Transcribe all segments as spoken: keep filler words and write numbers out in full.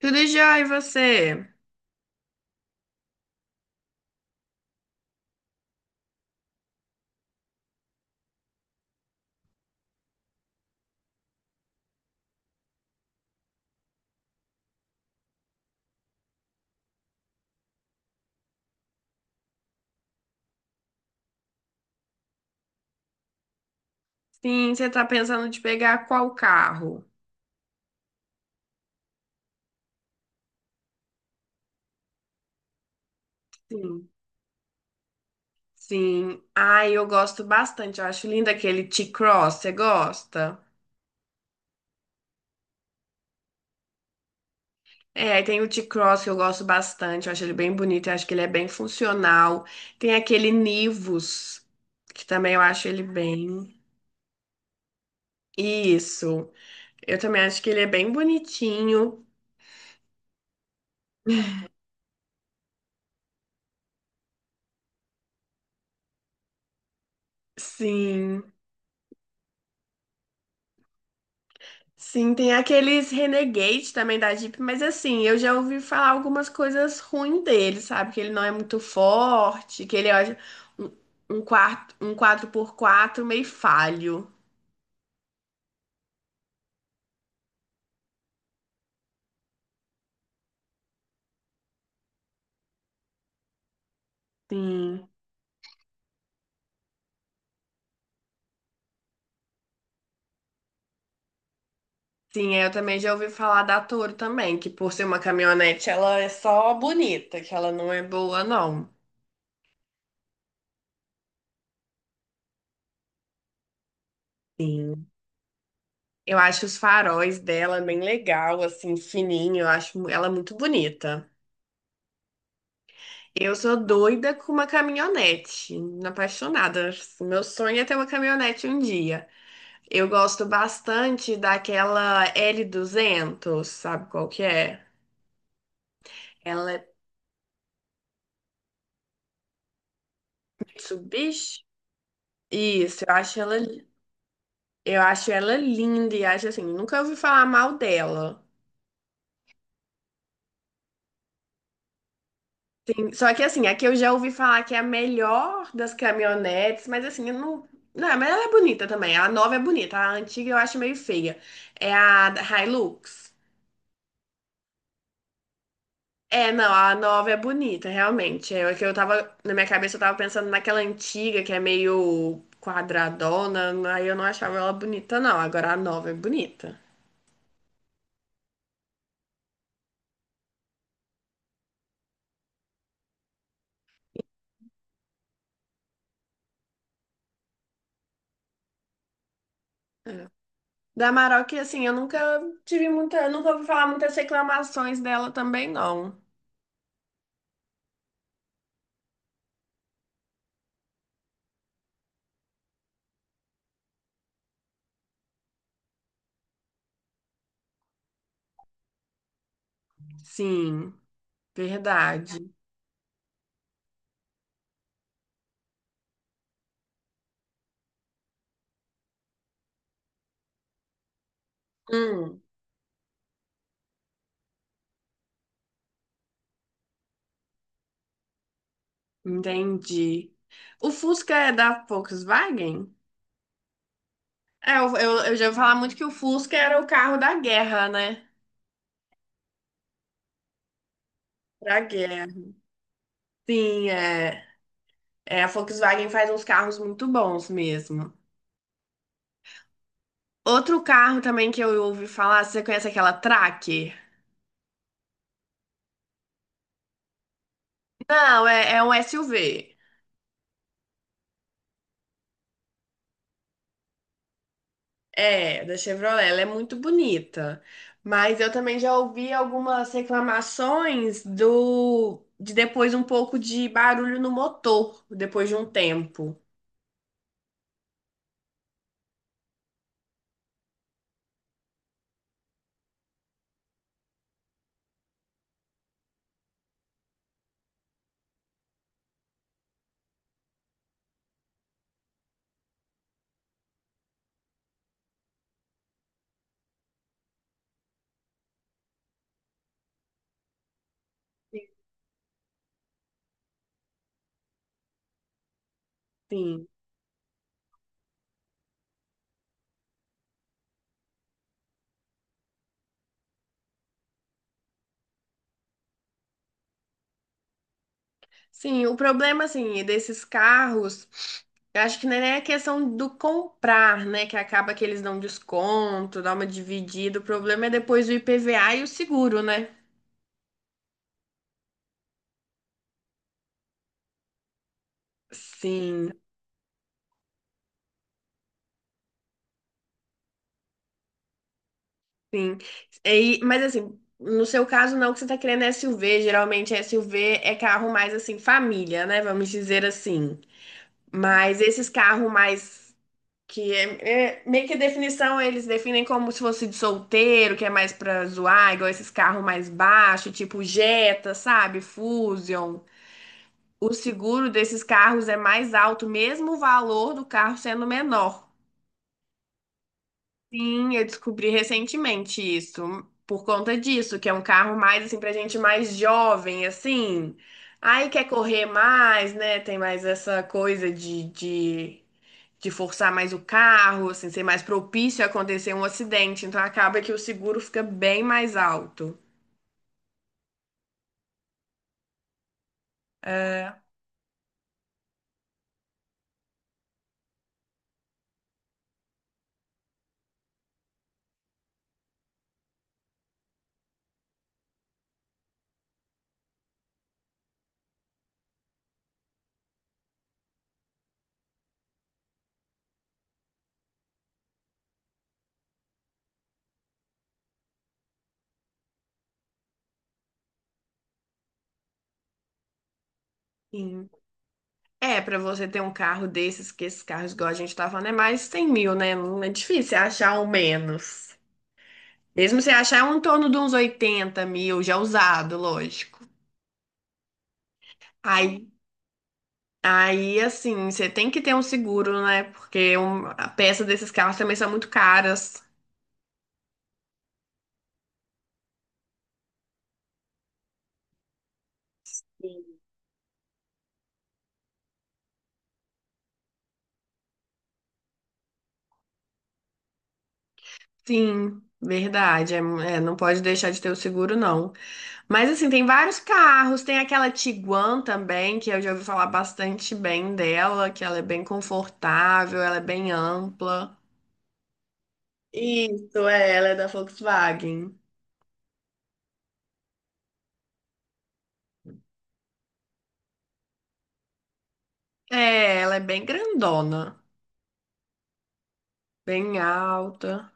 Tudo já, e você? Sim, você tá pensando de pegar qual carro? Sim. Sim. Ai, eu gosto bastante. Eu acho lindo aquele T-Cross. Você gosta? É, aí tem o T-Cross que eu gosto bastante. Eu acho ele bem bonito. Eu acho que ele é bem funcional. Tem aquele Nivus, que também eu acho ele bem. Isso. Eu também acho que ele é bem bonitinho. Sim. Sim, tem aqueles Renegade também da Jeep, mas assim, eu já ouvi falar algumas coisas ruins dele, sabe? Que ele não é muito forte, que ele é um, um, quarto, um quatro por quatro meio falho. Sim. Sim, eu também já ouvi falar da Toro também, que por ser uma caminhonete, ela é só bonita, que ela não é boa, não. Sim. Eu acho os faróis dela bem legal, assim, fininho, eu acho ela é muito bonita. Eu sou doida com uma caminhonete, apaixonada. Meu sonho é ter uma caminhonete um dia. Eu gosto bastante daquela éle duzentos, sabe qual que é? Ela é Mitsubishi? Isso, eu acho ela, eu acho ela linda e acho assim, nunca ouvi falar mal dela. Só que assim, aqui eu já ouvi falar que é a melhor das caminhonetes, mas assim, eu não. Não, mas ela é bonita também. A nova é bonita, a antiga eu acho meio feia. É a Hilux. É, não, a nova é bonita, realmente. É o que eu tava, na minha cabeça eu tava pensando naquela antiga que é meio quadradona, aí eu não achava ela bonita, não. Agora a nova é bonita. É. Da Amaral assim, eu nunca tive muita, eu nunca ouvi falar muitas reclamações dela também, não. Sim, verdade. Hum, Entendi. O Fusca é da Volkswagen? É, eu, eu, eu já ouvi falar muito que o Fusca era o carro da guerra, né? Pra guerra. Sim, é. É, a Volkswagen faz uns carros muito bons mesmo. Outro carro também que eu ouvi falar, você conhece aquela Tracker? Não, é, é um S U V. É, da Chevrolet. Ela é muito bonita. Mas eu também já ouvi algumas reclamações do de depois um pouco de barulho no motor, depois de um tempo. Sim. Sim, o problema, assim, desses carros, eu acho que não é nem a questão do comprar, né? Que acaba que eles dão desconto, dá uma dividida. O problema é depois o I P V A e o seguro, né? Sim, sim. E, mas assim, no seu caso não, que você tá querendo S U V. Geralmente S U V é carro mais assim, família, né? Vamos dizer assim. Mas esses carros mais. Que é, é- meio que a definição, eles definem como se fosse de solteiro, que é mais pra zoar, igual esses carros mais baixos, tipo Jetta, sabe? Fusion. O seguro desses carros é mais alto, mesmo o valor do carro sendo menor. Sim, eu descobri recentemente isso, por conta disso, que é um carro mais assim pra gente mais jovem, assim. Aí quer correr mais, né? Tem mais essa coisa de, de, de, forçar mais o carro, assim, ser mais propício a acontecer um acidente. Então acaba que o seguro fica bem mais alto. É, sim. É, pra você ter um carro desses, que esses carros, igual a gente tá falando, é mais cem mil, né? Não é difícil achar um menos. Mesmo você achar é um torno de uns oitenta mil, já usado, lógico. Aí, aí assim, você tem que ter um seguro, né? Porque um, a peça desses carros também são muito caras. Sim, verdade. É, é, não pode deixar de ter o seguro, não. Mas, assim, tem vários carros. Tem aquela Tiguan também, que eu já ouvi falar bastante bem dela, que ela é bem confortável, ela é bem ampla. Isso, é, ela é da Volkswagen. É, ela é bem grandona, bem alta.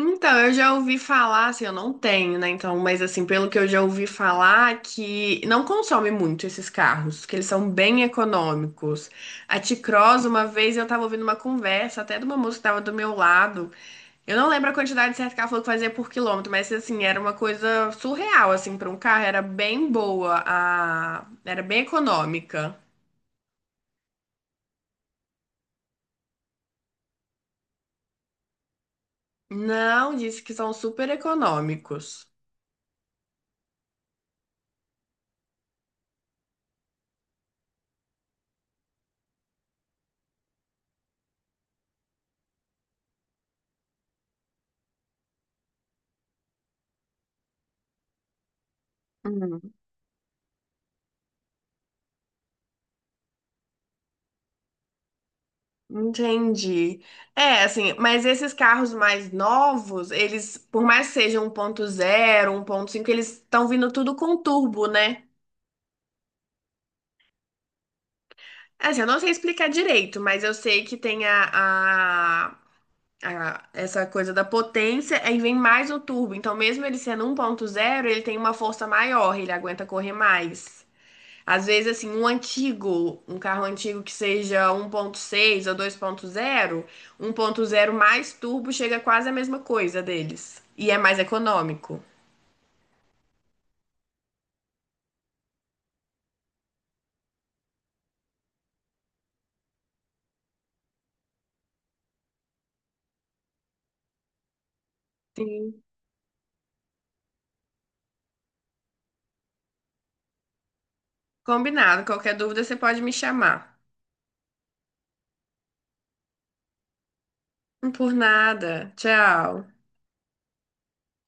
Então, eu já ouvi falar, assim, eu não tenho, né? Então, mas assim, pelo que eu já ouvi falar, que não consome muito esses carros, que eles são bem econômicos. A T-Cross, uma vez eu tava ouvindo uma conversa, até de uma moça que tava do meu lado. Eu não lembro a quantidade certa que ela falou que fazia por quilômetro, mas assim, era uma coisa surreal, assim, para um carro, era bem boa, a... era bem econômica. Não, disse que são super econômicos. Entendi. É, assim, mas esses carros mais novos, eles, por mais que sejam um ponto zero, um ponto cinco, eles estão vindo tudo com turbo, né? Assim, eu não sei explicar direito, mas eu sei que tem a, a, a- essa coisa da potência, aí vem mais o turbo. Então, mesmo ele sendo um ponto zero, ele tem uma força maior, ele aguenta correr mais. Às vezes, assim, um antigo, um carro antigo que seja um ponto seis ou dois ponto zero, um ponto zero mais turbo chega quase a mesma coisa deles. E é mais econômico. Sim. Combinado. Qualquer dúvida, você pode me chamar. Por nada. Tchau.